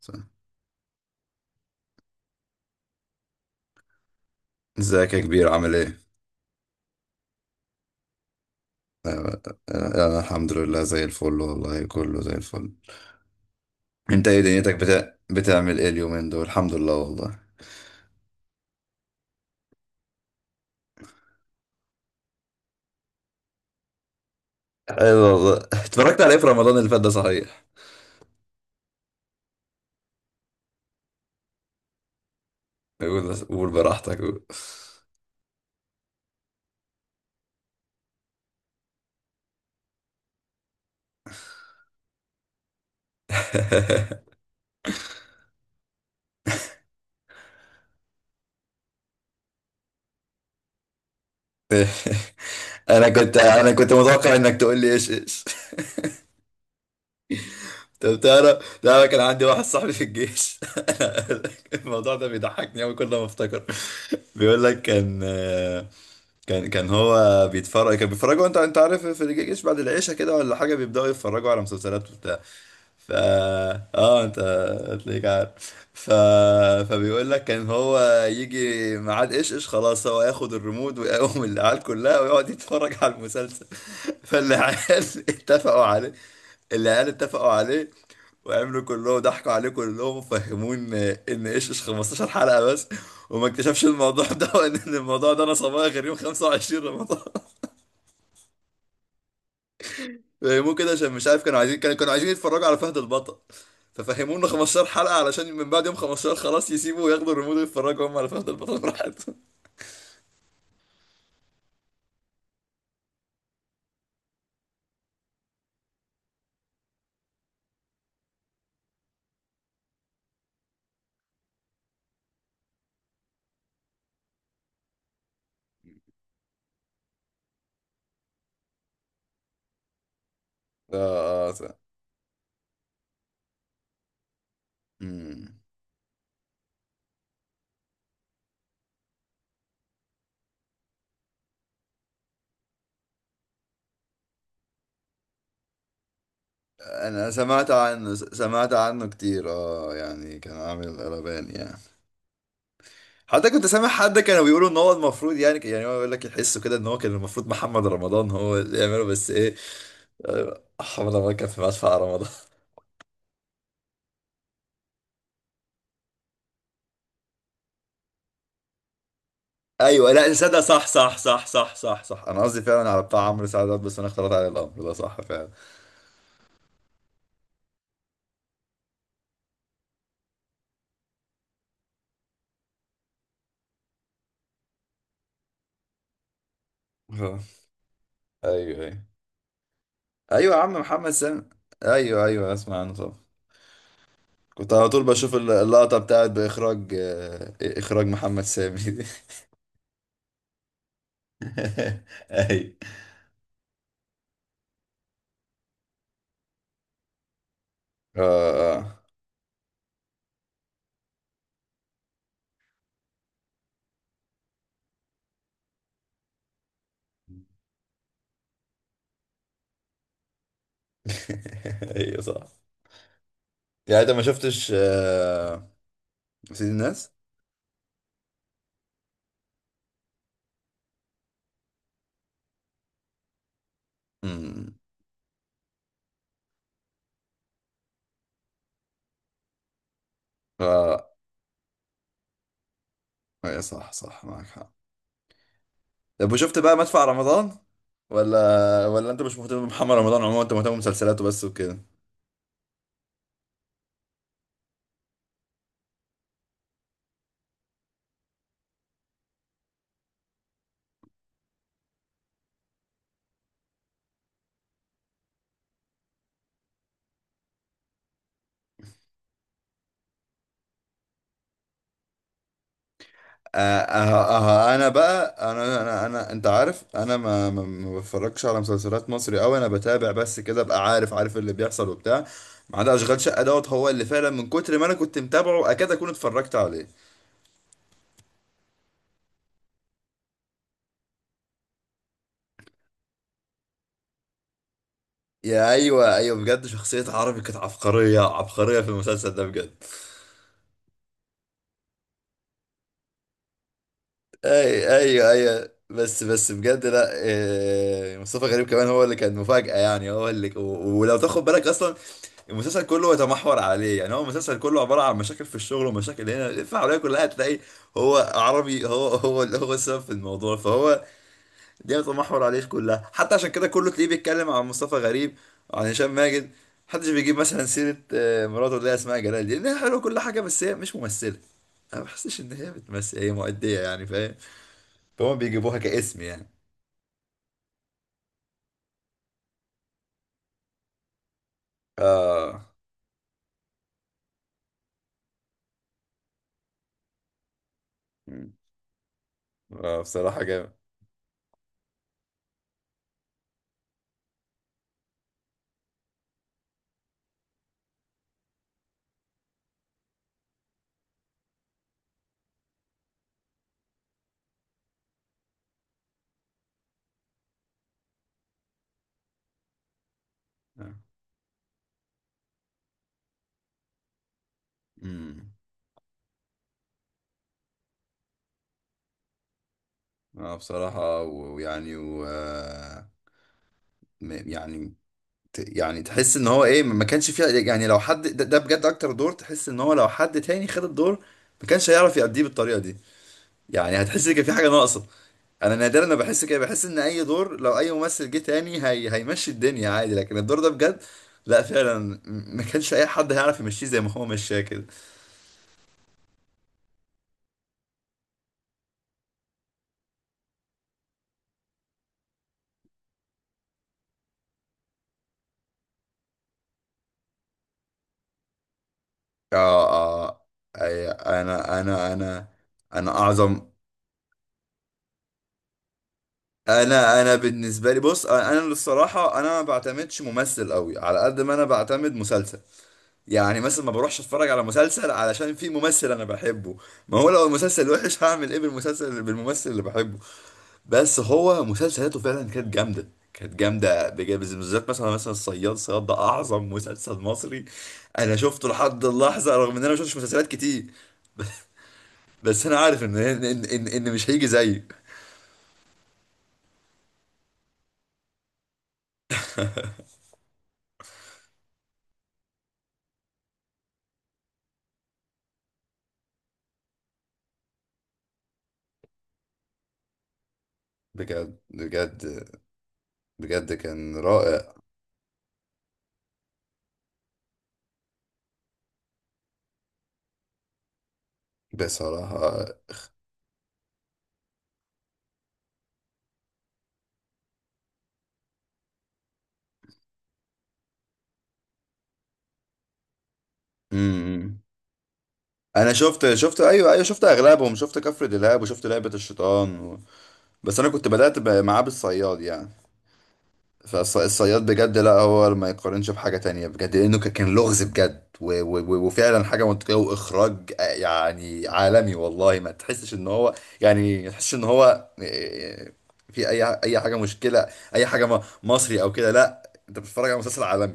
صح. ازيك يا كبير عامل ايه؟ آه. آه، انا الحمد لله زي الفل والله، كله زي الفل. انت ايه دنيتك بتعمل ايه اليومين دول؟ الحمد لله والله. حلو والله، اتفرجت على ايه في رمضان اللي فات ده صحيح؟ قول قول براحتك قول. انا كنت متوقع انك تقول لي ايش ايش. طب تعرف، لا، كان عندي واحد صاحبي في الجيش. الموضوع ده بيضحكني قوي كل ما افتكر. بيقول لك كان هو بيتفرج، كان بيتفرجوا، انت عارف، في الجيش بعد العشاء كده ولا حاجه بيبداوا يتفرجوا على مسلسلات وبتاع. ف اه انت هتلاقيك عارف فبيقول لك كان هو يجي ميعاد ايش ايش، خلاص هو ياخد الريموت ويقوم العيال كلها ويقعد يتفرج على المسلسل. فالعيال اتفقوا عليه. العيال اتفقوا عليه وعملوا كلهم، ضحكوا عليه كلهم وفهموه ان ايش ايش 15 حلقة بس. وما اكتشفش الموضوع ده، وان إن الموضوع ده انا صبايا غير يوم 25 رمضان. فهموه كده عشان مش عارف كانوا عايزين، كانوا عايزين يتفرجوا على فهد البطل. ففهموه انه 15 حلقة علشان من بعد يوم 15 خلاص يسيبوا وياخدوا الريموت ويتفرجوا هم على فهد البطل براحتهم. اه اه س- مم. انا سمعت عنه س- سمعت عنه كتير، اه، يعني كان عامل قلبان يعني. حتى كنت سامع حد كانوا بيقولوا ان هو المفروض، يعني هو يقول لك يحسوا كده ان هو كان المفروض محمد رمضان هو اللي يعمله، بس ايه، آه، محمد رمضان كان في مدفع رمضان. ايوه، لا صدق، صح صح صح صح صح صح، انا قصدي فعلا على بتاع عمرو سعدات، بس انا اختلط عليه الامر ده، صح فعلا. آه. ايوه ايوه. ايوه يا عم، محمد سامي. ايوه ايوه، اسمع عنه طبعا. كنت على طول بشوف اللقطه بتاعت باخراج آه، اخراج محمد سامي دي. ايوه. اه. آه. ايوه صح. يعني انت ما شفتش سيد الناس؟ امم. اه. أيوة، صح صح، معاك حق. طب وشفت بقى مدفع رمضان، ولا انت مش مهتم بمحمد رمضان عموما، انت مهتم بمسلسلاته بس وكده؟ اه انا بقى، انا انت عارف، انا ما بتفرجش على مسلسلات مصري قوي. انا بتابع بس كده ابقى عارف اللي بيحصل وبتاع، ما عدا اشغال شقه دوت، هو اللي فعلا من كتر ما انا كنت متابعه اكاد اكون اتفرجت عليه. ايوه ايوه، بجد شخصيه عربي كانت عبقريه عبقريه في المسلسل ده بجد. اي ايوه ايوه، بس بجد، لا إيه، مصطفى غريب كمان هو اللي كان مفاجأة، يعني هو اللي ولو تاخد بالك اصلا المسلسل كله يتمحور عليه. يعني هو المسلسل كله عبارة عن مشاكل في الشغل ومشاكل، هنا الفعالية كلها تلاقي هو عربي، هو اللي هو السبب في الموضوع، فهو دي يتمحور عليه كلها. حتى عشان كده كله تلاقيه بيتكلم عن مصطفى غريب وعن هشام ماجد. محدش بيجيب مثلا سيرة مراته اللي هي اسمها جلال دي، لأنها حلوة كل حاجة بس هي مش ممثلة. انا ما بحسش ان هي بتمثل، هي مؤدية يعني، فاهم؟ فهم بيجيبوها كاسم يعني. اه. مم. آه، بصراحة جامد. امم. اه بصراحة و- ويعني و آه، م- يعني يعني تحس ان هو ايه، ما كانش فيها، يعني لو حد ده بجد، اكتر دور تحس ان هو لو حد تاني خد الدور ما كانش هيعرف يأديه بالطريقة دي. يعني هتحس ان كان في حاجة ناقصة. انا نادرا ما بحس كده، بحس ان اي دور لو اي ممثل جه تاني هي هيمشي الدنيا عادي، لكن الدور ده بجد، لا فعلا، ما كانش اي حد هيعرف يمشيه زي ما هو مشاه كده. اه اه أي انا اعظم انا بالنسبه لي، بص، انا للصراحه انا ما بعتمدش ممثل قوي على قد ما انا بعتمد مسلسل. يعني مثلا ما بروحش اتفرج على مسلسل علشان في ممثل انا بحبه. ما هو لو المسلسل وحش هعمل ايه بالمسلسل بالممثل اللي بحبه؟ بس هو مسلسلاته فعلا كانت جامده. كانت جامده بجد، بالذات مثلا، الصياد ده اعظم مسلسل مصري انا شفته لحد اللحظه، رغم ان انا ما شفتش مسلسلات كتير، بس انا عارف إن مش هيجي زيه. بجد بجد. بجد كان رائع. بصراحة. امم. انا شفت ايوه ايوه، شفت اغلبهم، شفت كفر دلهاب وشفت لعبة الشيطان بس انا كنت بدأت معاه بالصياد يعني. فالصياد بجد، لا هو ما يقارنش بحاجة تانية بجد، لأنه كان لغز بجد و و و وفعلا حاجة منطقية وإخراج، آه، يعني عالمي والله، ما تحسش إن هو، يعني ما تحسش إن هو في أي حاجة مشكلة، أي حاجة مصري أو كده، لا، أنت بتتفرج على مسلسل عالمي.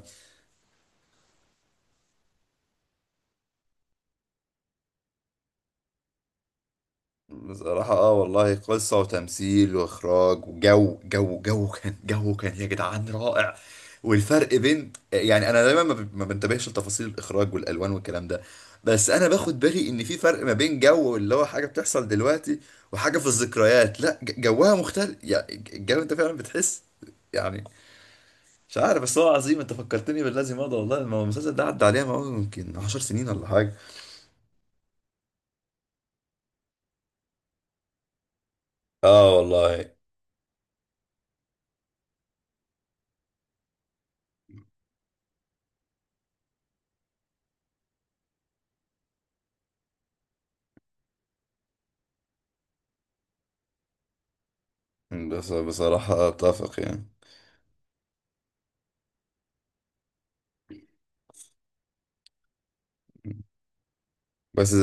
بصراحة اه والله، قصة وتمثيل واخراج، وجو جو جو كان جو كان يا جدعان رائع. والفرق بين، يعني، انا دايما ما بنتبهش لتفاصيل الاخراج والالوان والكلام ده، بس انا باخد بالي ان في فرق ما بين جو اللي هو حاجة بتحصل دلوقتي وحاجة في الذكريات، لا جوها مختلف. يعني الجو انت فعلا بتحس. يعني، مش عارف بس هو عظيم. انت فكرتني بالذي مضى والله. ما هو المسلسل ده عدى عليها ما هو يمكن 10 سنين ولا حاجة. اه والله. بس بصراحة اتفق يعني. بس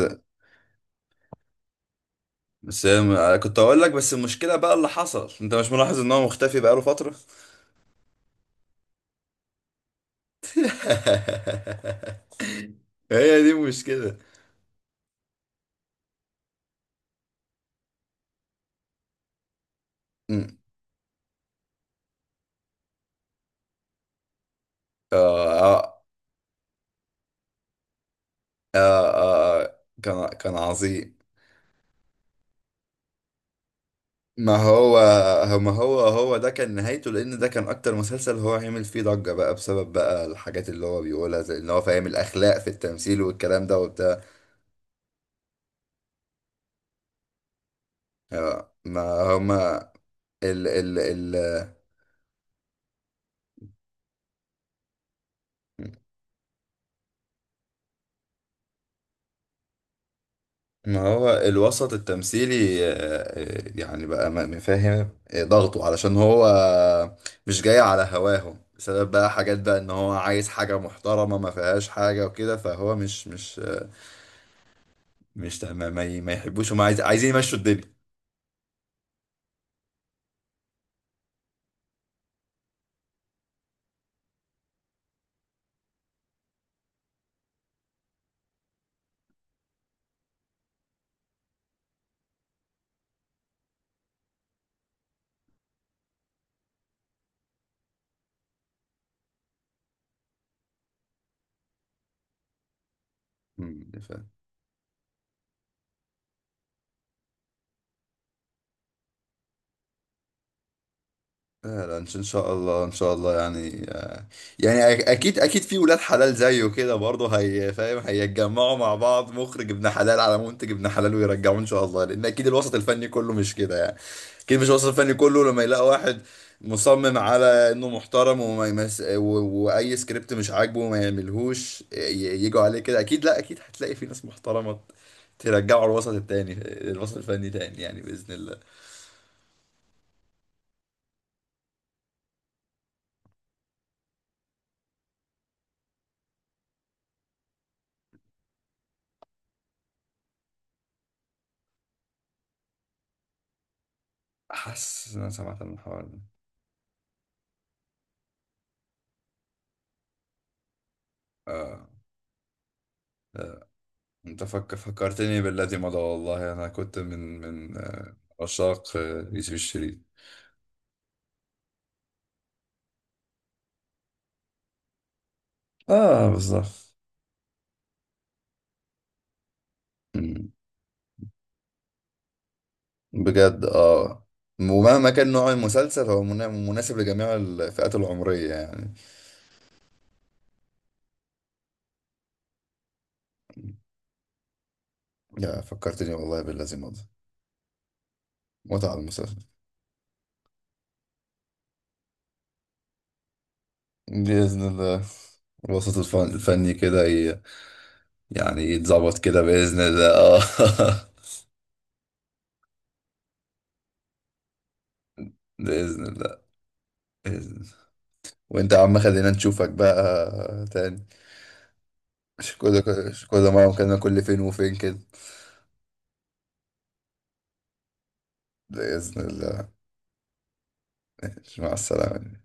بس أنا كنت اقول لك، بس المشكله بقى اللي حصل، انت مش ملاحظ ان هو مختفي بقاله فتره؟ هي دي المشكله. أمم. آه آه آه، كان عظيم. ما هو ما هو هو ده كان نهايته، لان ده كان اكتر مسلسل هو عمل فيه ضجة بقى بسبب بقى الحاجات اللي هو بيقولها زي ان هو فاهم الاخلاق في التمثيل والكلام ده وبتاع. ما هما ال ال ال ما هو الوسط التمثيلي يعني بقى فاهم ضغطه علشان هو مش جاي على هواه، بسبب بقى حاجات، بقى ان هو عايز حاجة محترمة ما فيهاش حاجة وكده، فهو مش مش آه، مش ما, ما ما يحبوش، هم عايزين يمشوا الدنيا. مم، ف- لا لا، ان شاء إن شاء الله، ان شاء الله يعني، آه، يعني اكيد في ولاد حلال زيه كده برضه، هي فاهم، هيتجمعوا مع بعض، مخرج ابن حلال على منتج ابن حلال ويرجعوه ان شاء الله، لان اكيد الوسط الفني كله مش كده يعني. اكيد مش الوسط الفني كله لما يلاقي واحد مصمم على انه محترم، وما واي سكريبت مش عاجبه ما يعملهوش، يجوا عليه كده. اكيد، لا اكيد، هتلاقي في ناس محترمة ترجعوا الوسط التاني، الوسط الفني تاني يعني باذن الله. حاسس ان انا سمعت عن الحوار ده. اه. آه، انت فكرتني بالذي مضى والله. انا كنت من من عشاق، آه، يوسف الشريف. اه بالظبط. مم. بجد اه. ومهما كان نوع المسلسل هو مناسب لجميع الفئات العمرية يعني. يا فكرتني والله بالذي مضى. متعة المسلسل. بإذن الله. الوسط الفني كده يعني يتظبط كده بإذن الله، اه. بإذن الله. بإذن الله. وانت يا عم خلينا نشوفك بقى تاني. مش كل مش كل مرة مكالمة، كل فين وفين كده. بإذن الله. ماشي، مع السلامة.